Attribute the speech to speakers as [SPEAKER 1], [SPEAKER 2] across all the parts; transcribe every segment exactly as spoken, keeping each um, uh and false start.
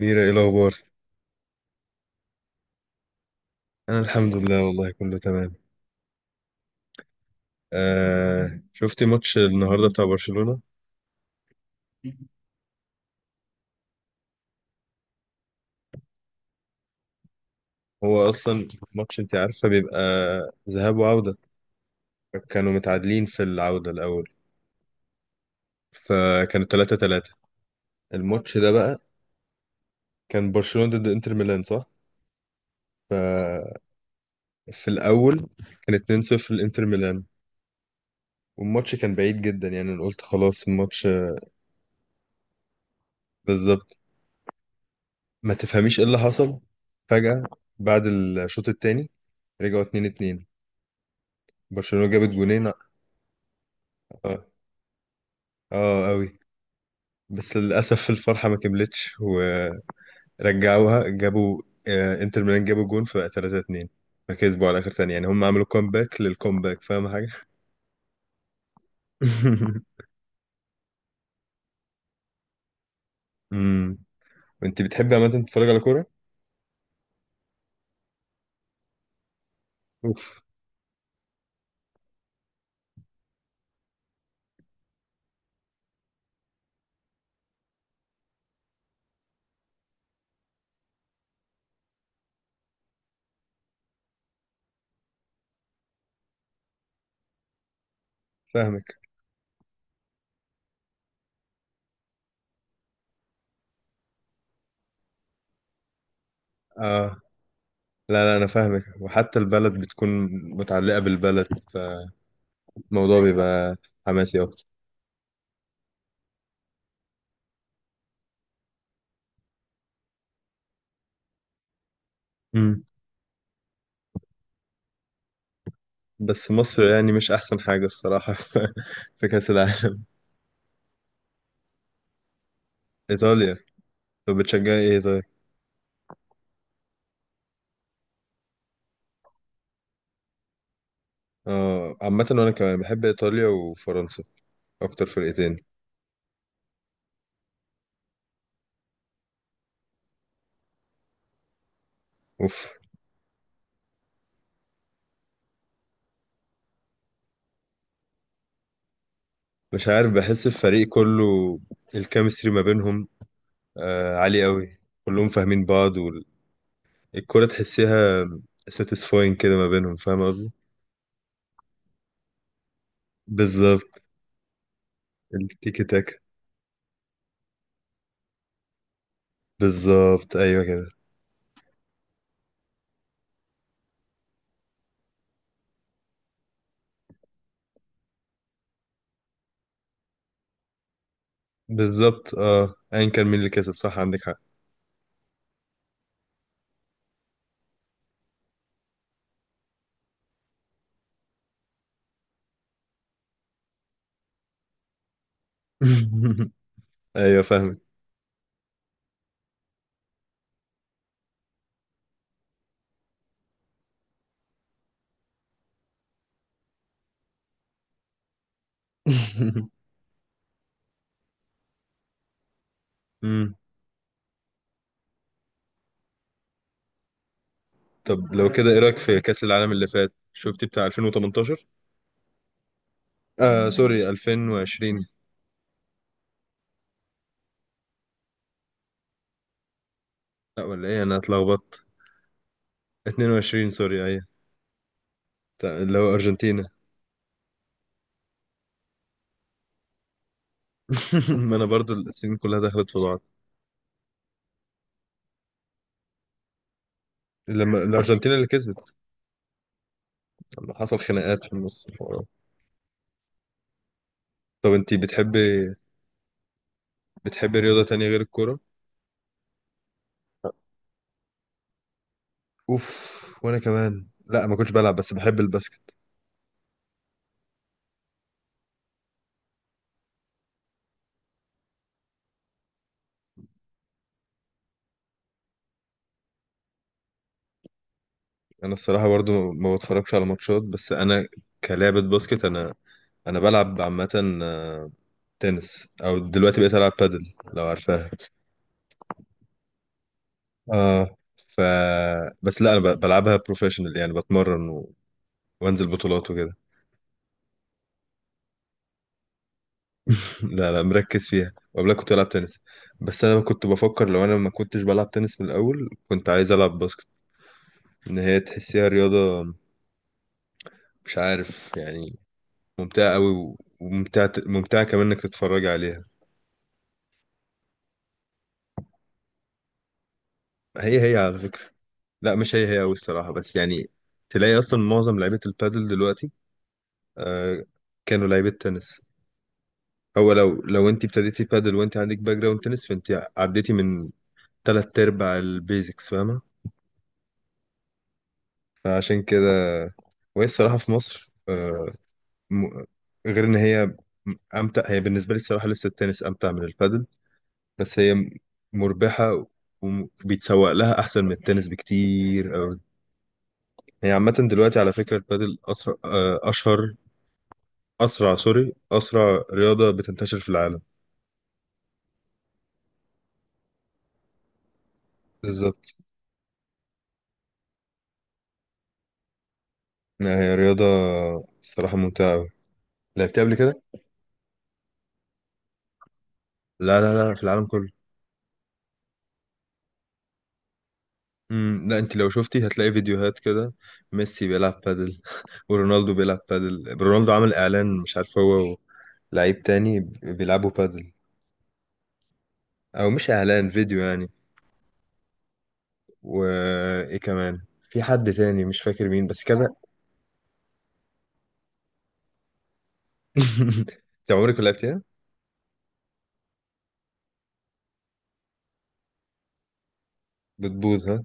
[SPEAKER 1] ميرا، ايه الاخبار؟ انا الحمد لله والله كله تمام. آه، شفتي ماتش النهارده بتاع برشلونة؟ هو اصلا ماتش انت عارفه بيبقى ذهاب وعودة. كانوا متعادلين في العودة الاول فكانوا ثلاثة ثلاثة. الماتش ده بقى كان برشلونة ضد انتر ميلان، صح؟ ففي الاول كان اتنين صفر لانتر ميلان والماتش كان بعيد جدا، يعني انا قلت خلاص الماتش. بالظبط. ما تفهميش ايه اللي حصل، فجأة بعد الشوط الثاني رجعوا اتنين اتنين، برشلونة جابت جونين. اه، اه قوي. بس للاسف الفرحه ما كملتش ورجعوها. جابوا، آه، انتر ميلان جابوا جون فبقى ثلاثة اتنين. فكسبوا على اخر ثانيه، يعني هم عملوا كومباك للكومباك، فاهم حاجه؟ امم انت بتحبي عامه تتفرج على كوره؟ اوف. فاهمك. اه، لا لا، انا فاهمك وحتى البلد بتكون متعلقه بالبلد، فالموضوع بيبقى حماسي اكتر. امم بس مصر يعني مش احسن حاجه الصراحه في في كاس العالم. ايطاليا. طب بتشجعي ايه طيب؟ آه، عامة وأنا كمان بحب إيطاليا وفرنسا، أكتر فرقتين. أوف. مش عارف، بحس الفريق كله الكيمستري ما بينهم آه عالي أوي. كلهم فاهمين بعض والكرة تحسيها ساتيسفاين كده ما بينهم، فاهم قصدي؟ بالظبط. التيكي تاكا. بالظبط، أيوه كده. بالظبط، أه، أيا كان مين اللي كسب، صح عندك حق. أيوه فاهمك. مم. طب لو كده إيه رأيك في كأس العالم اللي فات؟ شفتي بتاع الفين وتمنتاشر؟ آه، سوري، الفين وعشرين. لا، ولا ايه، انا اتلخبطت. اتنين وعشرين، سوري، ايوه. تا- اللي هو ارجنتينا. ما انا برضو السنين كلها دخلت في بعض. لما الارجنتينا اللي كسبت، لما حصل خناقات في النص الحوارات. طب انتي بتحبي بتحبي رياضة تانية غير الكورة؟ اوف، وانا كمان، لا ما كنتش بلعب بس بحب الباسكت. انا الصراحة برضو ما ما بتفرجش على ماتشات، بس انا كلعبة باسكت، انا انا بلعب عامة آه، تنس او دلوقتي بقيت العب بادل، لو عارفاها. اه. ف بس لا، انا ب- بلعبها بروفيشنال، يعني بتمرن و... وانزل بطولات وكده. لا لا، مركز فيها، وقبلها كنت بلعب تنس. بس انا كنت بفكر لو انا ما كنتش بلعب تنس من الاول كنت عايز العب باسكت، ان هي تحسيها رياضة، مش عارف يعني، ممتعة قوي و- وممتعة، ممتعة كمان انك تتفرج عليها. هي هي على فكرة. لا مش هي هي قوي الصراحة، بس يعني تلاقي اصلا معظم لعيبة البادل دلوقتي آه كانوا لعيبة تنس. هو لو لو انت ابتديتي بادل وانت عندك باك جراوند تنس، فانت عديتي من تلات ارباع البيزكس، فاهمه؟ فعشان كده، وهي الصراحه في مصر، آه، م- غير ان هي امتع. هي بالنسبه لي الصراحه لسه التنس امتع من البادل، بس هي مربحه وبيتسوق لها احسن من التنس بكتير أوي. هي عامه دلوقتي على فكره البادل اسرع آه، اشهر اسرع سوري اسرع رياضه بتنتشر في العالم. بالظبط. لا، هي رياضه الصراحه ممتعه أوي، لعبتها قبل كده. لا لا لا، في العالم كله. امم لا، انت لو شفتي هتلاقي فيديوهات كده، ميسي بيلعب بادل ورونالدو بيلعب بادل. رونالدو عمل اعلان، مش عارف هو لعيب تاني بيلعبوا بادل، او مش اعلان، فيديو يعني. وايه كمان، في حد تاني مش فاكر مين، بس كذا. انت عمرك ما لعبتيها؟ بتبوظ ها.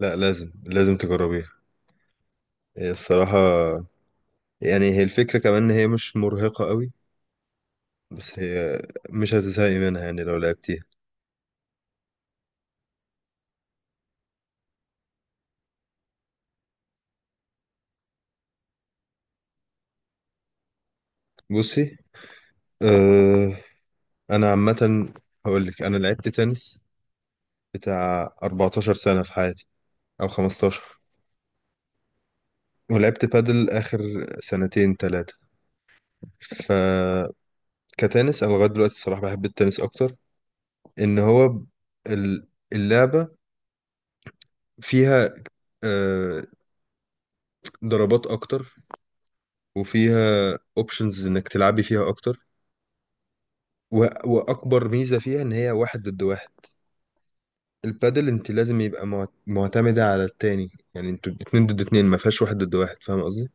[SPEAKER 1] لا لازم، لازم تجربيها. هي الصراحة، يعني هي الفكرة كمان ان هي مش مرهقة قوي، بس هي مش هتزهقي منها يعني لو لعبتيها. بصي، آه، انا عامه هقول لك، انا لعبت تنس بتاع اربعة عشر سنة سنه في حياتي، او خمسة عشر، ولعبت بادل اخر سنتين ثلاثه. ف كتنس انا لغايه دلوقتي الصراحه بحب التنس اكتر. ان هو ال- اللعبه فيها آه، ضربات اكتر، وفيها اوبشنز انك تلعبي فيها اكتر، و- واكبر ميزه فيها ان هي واحد ضد واحد. البادل انت لازم يبقى مع- معتمده على التاني، يعني انتوا اتنين ضد اتنين، ما فيهاش واحد ضد واحد، فاهم قصدي؟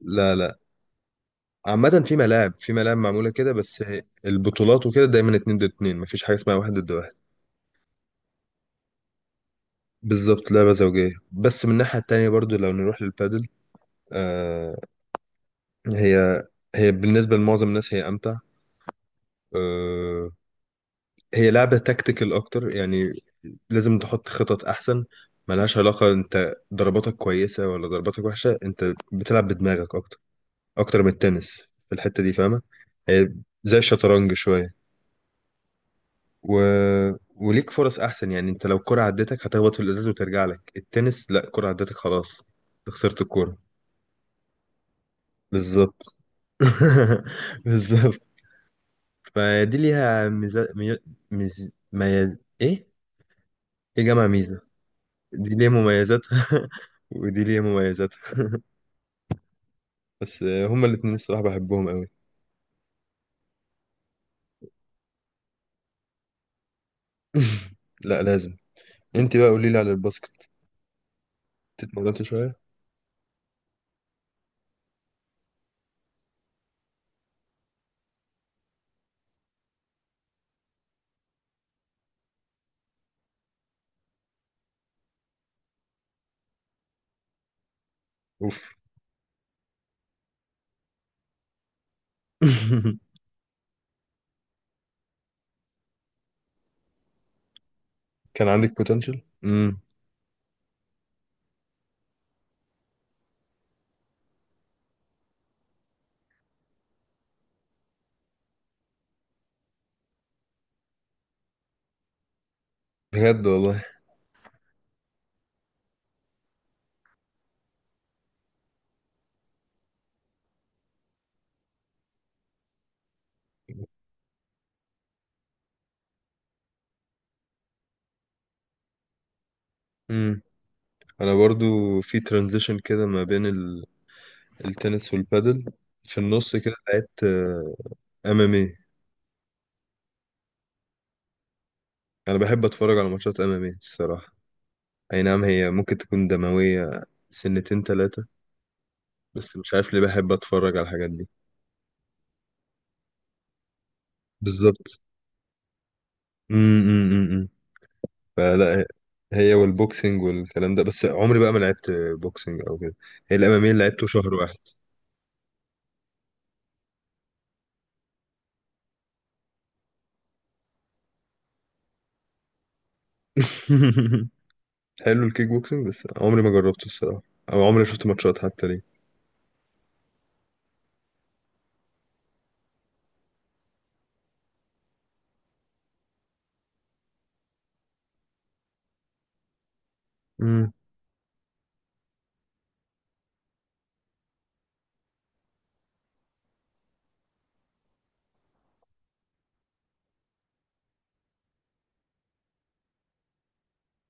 [SPEAKER 1] لا لا، عامة في ملاعب، في ملاعب معمولة كده، بس البطولات وكده دايما اتنين ضد اتنين، مفيش حاجة اسمها واحد ضد واحد. بالظبط، لعبة زوجية. بس من الناحية التانية برضو لو نروح للبادل، آه هي هي بالنسبة لمعظم الناس هي أمتع. آه هي لعبة تكتيكال أكتر، يعني لازم تحط خطط أحسن. ملهاش علاقة أنت ضرباتك كويسة ولا ضرباتك وحشة، أنت بتلعب بدماغك أكتر، أكتر من التنس في الحتة دي، فاهمة؟ هي زي الشطرنج شوية، و... وليك فرص احسن. يعني انت لو كرة عدتك هتخبط في الازاز وترجع لك، التنس لا، كرة عدتك خلاص خسرت الكرة. بالظبط. بالظبط. فدي ليها ميزة مي... ميز... ميز... ايه ايه جامعة ميزة. دي ليها مميزاتها، ودي ليها مميزاتها، بس هما الاتنين الصراحة بحبهم قوي. لا لازم. انت بقى قولي لي على الباسكت، اتمرنت شوية؟ اوف. كان عندك بوتنشال. امم. بجد والله. مم. انا برضو في ترانزيشن كده ما بين ال- التنس والبادل، في النص كده لعبت ام ام اي. انا بحب اتفرج على ماتشات ام ام اي الصراحه. اي نعم هي ممكن تكون دمويه، سنتين ثلاثه، بس مش عارف ليه بحب اتفرج على الحاجات دي. بالظبط. امم فلا، هي هي والبوكسنج والكلام ده، بس عمري بقى ما لعبت بوكسنج او كده. هي الام ام اي اللي لعبته شهر واحد. حلو الكيك بوكسنج، بس عمري ما جربته الصراحه، او عمري شفت ماتشات حتى ليه.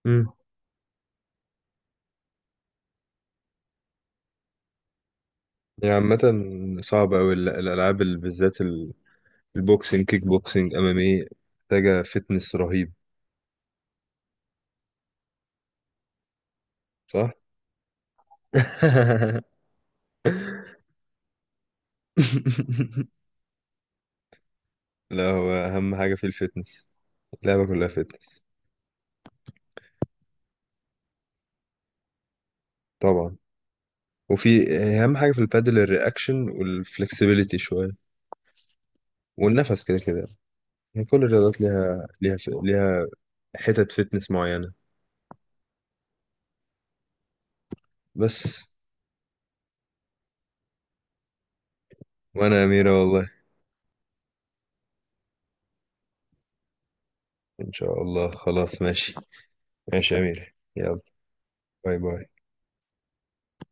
[SPEAKER 1] مم. هي عامة صعبة أوي ال- الألعاب، ال- بالذات ال- البوكسينج، كيك بوكسينج، أمام إيه، محتاجة فتنس رهيب. صح؟ لا، هو أهم حاجة في الفتنس، اللعبة كلها فتنس. طبعا. وفي أهم حاجة في البادل الرياكشن والفلكسبيليتي شوية، والنفس كده كده. يعني كل الرياضات ليها ليها ليها حتت فتنس معينة. بس. وأنا يا أميرة والله. إن شاء الله، خلاص ماشي. ماشي يا أميرة، يلا. باي باي.